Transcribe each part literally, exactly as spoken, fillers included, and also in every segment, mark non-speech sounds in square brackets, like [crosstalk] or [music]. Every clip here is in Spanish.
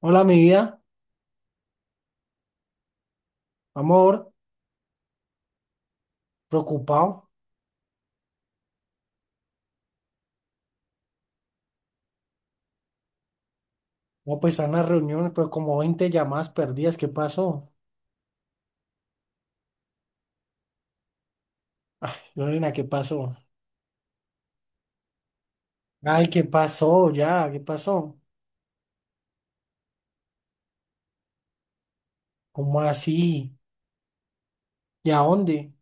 Hola, mi vida, amor, preocupado. No, pues están las reuniones, pero como veinte llamadas perdidas. ¿Qué pasó? Lorena, ¿qué pasó? Ay, ¿qué pasó? Ya, ¿qué pasó? ¿Cómo así? ¿Y a dónde?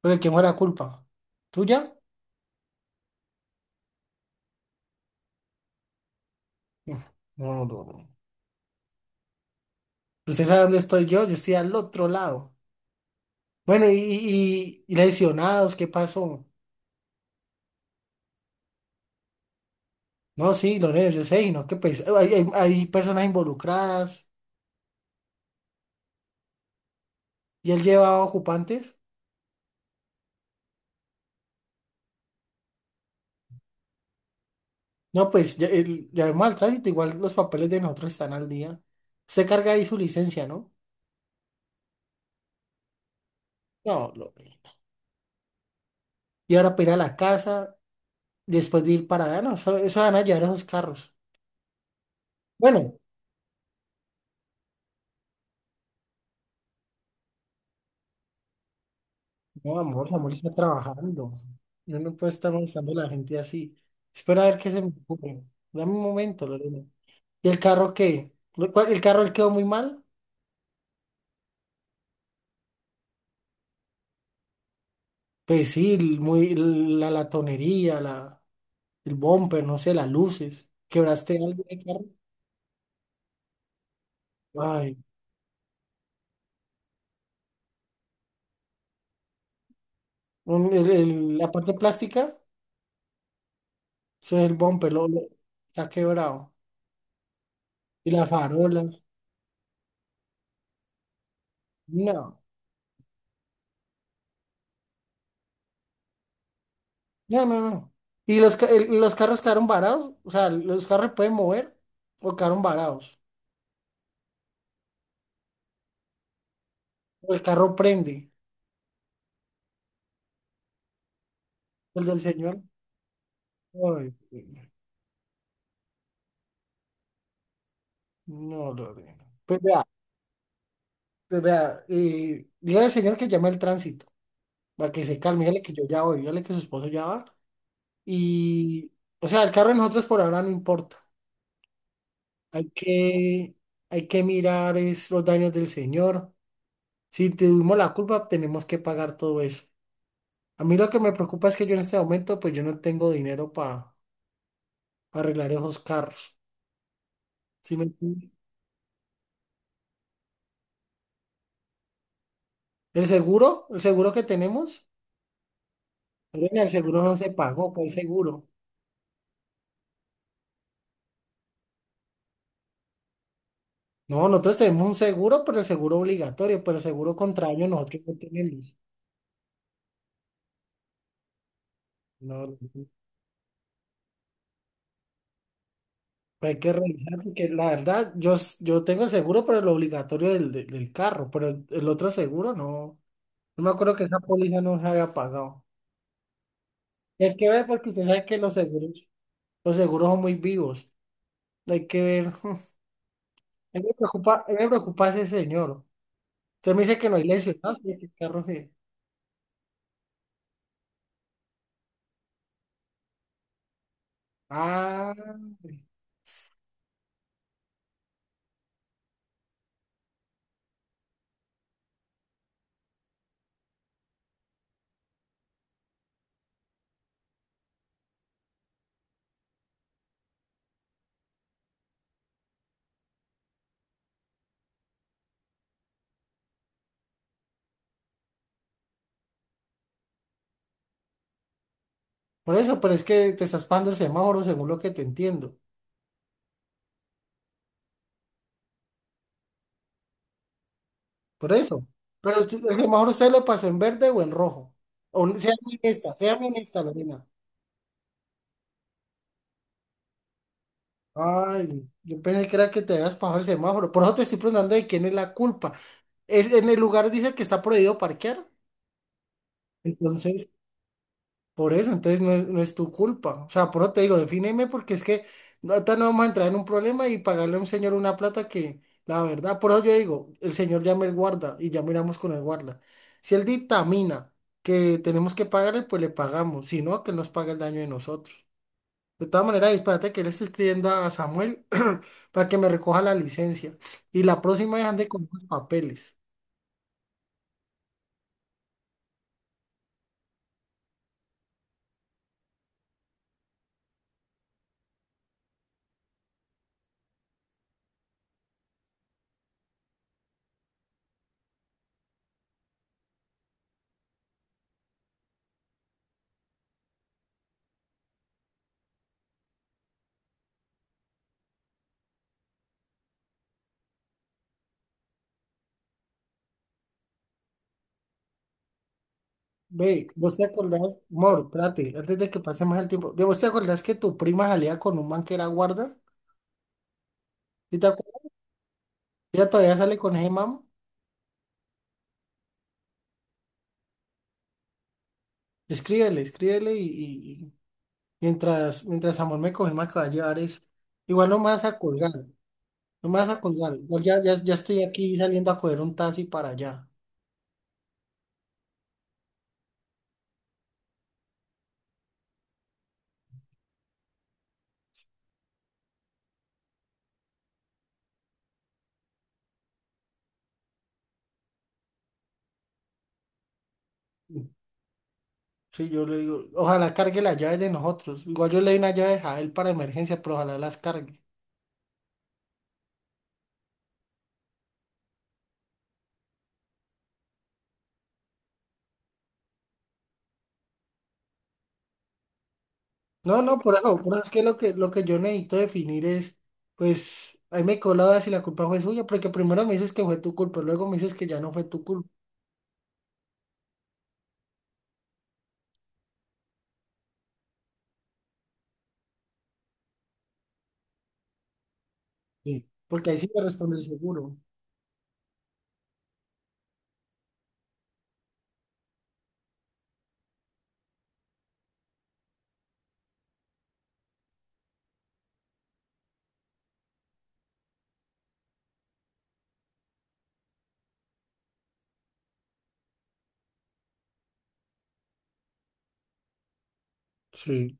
¿Pero de quién fue la culpa? ¿Tuya? No, no, no. no. ¿Usted sabe dónde estoy yo? Yo estoy al otro lado. Bueno, y, y, y lesionados, ¿qué pasó? No, sí, Lorena, yo sé, y no, que pues, hay, hay hay personas involucradas y él llevaba ocupantes. No, pues ya, el- ya vemos al tránsito, igual los papeles de nosotros están al día. Usted carga ahí su licencia, ¿no? No, lo... Y ahora para ir a la casa, después de ir para allá, no, eso, eso van a llevar esos carros. Bueno, no, amor, Samuel está trabajando. Yo no puedo estar molestando a la gente así. Espera a ver qué se me ocurre. Dame un momento, Lorena. ¿Y el carro qué? ¿Lo cual- ¿El carro le quedó muy mal? Pues sí, el- muy, la latonería, la, el bumper, no sé, las luces. ¿Quebraste algo de carro? Ay. Un- el- el- la parte plástica, o sea, el bumper lo, lo- está quebrado. Y las farolas. No, no, no, no. Y los, ca- el- los carros quedaron varados. O sea, los carros pueden mover o quedaron varados. El carro prende. El del señor. Ay, no, Lorena. Pues vea, pues vea. Eh, dígale al señor que llame al tránsito para que se calme. Dígale que yo ya voy. Dígale que su esposo ya va. Y, o sea, el carro de nosotros por ahora no importa. Hay que, hay que mirar es los daños del Señor. Si tuvimos la culpa, tenemos que pagar todo eso. A mí lo que me preocupa es que yo en este momento, pues yo no tengo dinero para arreglar esos carros. ¿Sí me entiende? El seguro, el seguro que tenemos, Lorena, el seguro no se pagó, ¿cuál seguro? No, nosotros tenemos un seguro, pero el seguro obligatorio, pero el seguro contra daño nosotros no tenemos. No, pues, hay que revisar porque la verdad, yo, s- yo tengo el seguro, pero el obligatorio del, del del carro, pero el el otro seguro no. No me acuerdo que esa póliza no se haya pagado. Y hay que ver porque usted sabe que los seguros, los seguros son muy vivos. Hay que ver. [laughs] A mí me preocupa, a mí me preocupa ese señor. Usted me dice que no hay lesionados, pero que el carro se- Ah, por eso, pero es que te estás pagando el semáforo según lo que te entiendo. Por eso. Pero usted- el semáforo usted lo pasó en verde o en rojo. O sea, muy honesta, sea muy honesta, Lorena. Ay, yo pensé que era que te habías pasado el semáforo. Por eso te estoy preguntando de quién es la culpa. Es, en el lugar dice que está prohibido parquear. Entonces, por eso, entonces no es, no es tu culpa. O sea, por eso te digo, defíneme porque es que no, ahorita no vamos a entrar en un problema y pagarle a un señor una plata que, la verdad, por eso yo digo, el señor llame el guarda y ya miramos con el guarda. Si él dictamina que tenemos que pagarle, pues le pagamos. Si no, que él nos paga el daño de nosotros. De todas maneras, espérate que le estoy escribiendo a Samuel [clears throat] para que me recoja la licencia. Y la próxima vez ande con los papeles. Ve, vos te acordás, Mor, espérate, antes de que pase más el tiempo. ¿De vos te acordás que tu prima salía con un man que era guarda? ¿Y te acuerdas? Ella todavía sale con ese man. Escríbele, escríbele y, y- y mientras, mientras Samuel me coge más que va a llevar eso. Igual no me vas a colgar, no me vas a colgar. Igual ya, ya, ya estoy aquí saliendo a coger un taxi para allá. Sí, yo le digo, ojalá cargue las llaves de nosotros. Igual yo le doy una llave a él para emergencia, pero ojalá las cargue. No, no, por eso, por eso es que lo que lo que yo necesito definir es, pues, ahí me quedó la duda si la culpa fue suya, porque primero me dices que fue tu culpa, luego me dices que ya no fue tu culpa. Sí, porque ahí sí te responde el seguro. Sí.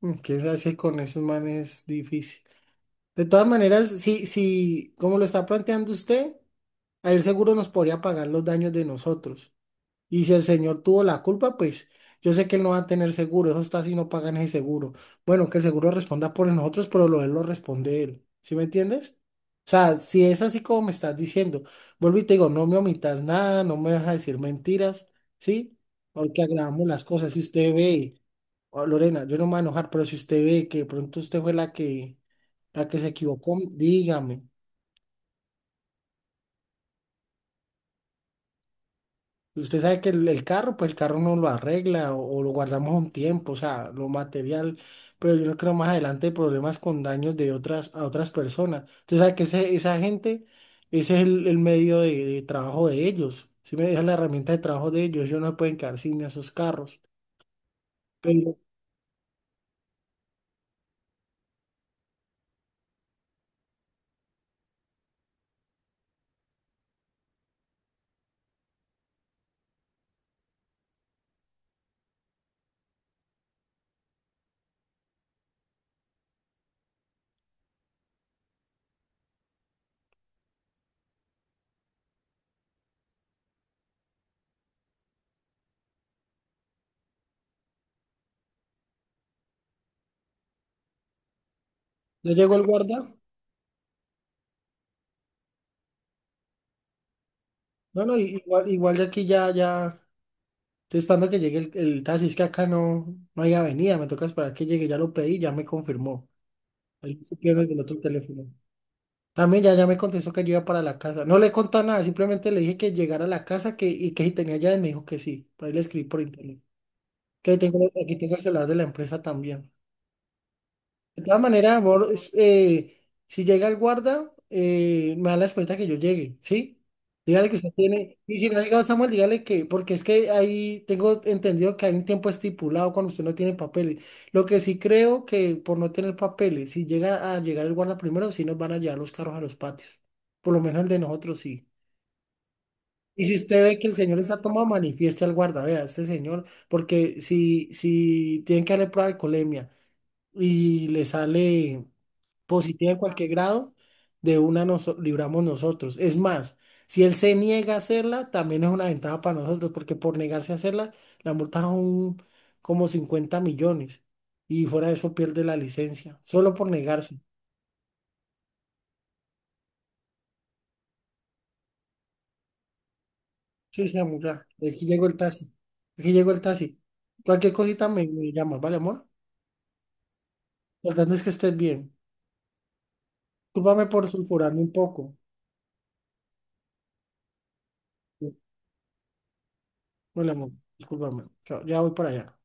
Mm, ¿qué se hace con esos manes? Es difícil. De todas maneras, si, si, como lo está planteando usted, ahí el seguro nos podría pagar los daños de nosotros. Y si el señor tuvo la culpa, pues yo sé que él no va a tener seguro, eso está si no pagan ese seguro. Bueno, que el seguro responda por nosotros, pero lo de él lo responde él. ¿Sí me entiendes? O sea, si es así como me estás diciendo, vuelvo y te digo, no me omitas nada, no me vas a decir mentiras, ¿sí? Porque agravamos las cosas. Si usted ve, oh, Lorena, yo no me voy a enojar, pero si usted ve que de pronto usted fue la que, la que se equivocó, dígame. Usted sabe que el, el carro, pues el carro no lo arregla o, o lo guardamos un tiempo, o sea, lo material, pero yo no creo más adelante hay problemas con daños de otras, a otras personas. Usted sabe que ese- esa gente, ese es el, el medio de, de trabajo de ellos, si me dejan la herramienta de trabajo de ellos, ellos no se pueden quedar sin esos carros. Pero ya llegó el guarda, no, no, i- igual, igual de aquí ya, ya, estoy esperando que llegue el, el taxi, es que acá no, no hay avenida, me toca esperar que llegue, ya lo pedí, ya me confirmó. Ahí estoy pidiendo el del otro teléfono. También ya, ya me contestó que yo iba para la casa. No le he contado nada, simplemente le dije que llegara a la casa que, y que si tenía llaves, me dijo que sí. Por ahí le escribí por internet. Que tengo, aquí tengo el celular de la empresa también. De todas maneras, amor, es- eh, si llega el guarda, eh, me da la esperanza que yo llegue, ¿sí? Dígale que usted tiene, y si no ha llegado Samuel, dígale que, porque es que ahí tengo entendido que hay un tiempo estipulado cuando usted no tiene papeles. Lo que sí creo que por no tener papeles, si llega a llegar el guarda primero, sí nos van a llevar los carros a los patios. Por lo menos el de nosotros sí. Y si usted ve que el señor está tomado, manifieste al guarda, vea, este señor, porque si, si tienen que darle prueba de alcoholemia y le sale positiva en cualquier grado, de una nos libramos nosotros. Es más, si él se niega a hacerla, también es una ventaja para nosotros, porque por negarse a hacerla, la multa son como cincuenta millones y fuera de eso pierde la licencia, solo por negarse. Sí, sí, amor, ya. Aquí llegó el taxi. Aquí llegó el taxi. Cualquier cosita me, me llamas, ¿vale, amor? Lo importante es que estés bien. Discúlpame por sulfurarme un poco. Vale, amor, discúlpame. Chao. Ya voy para allá.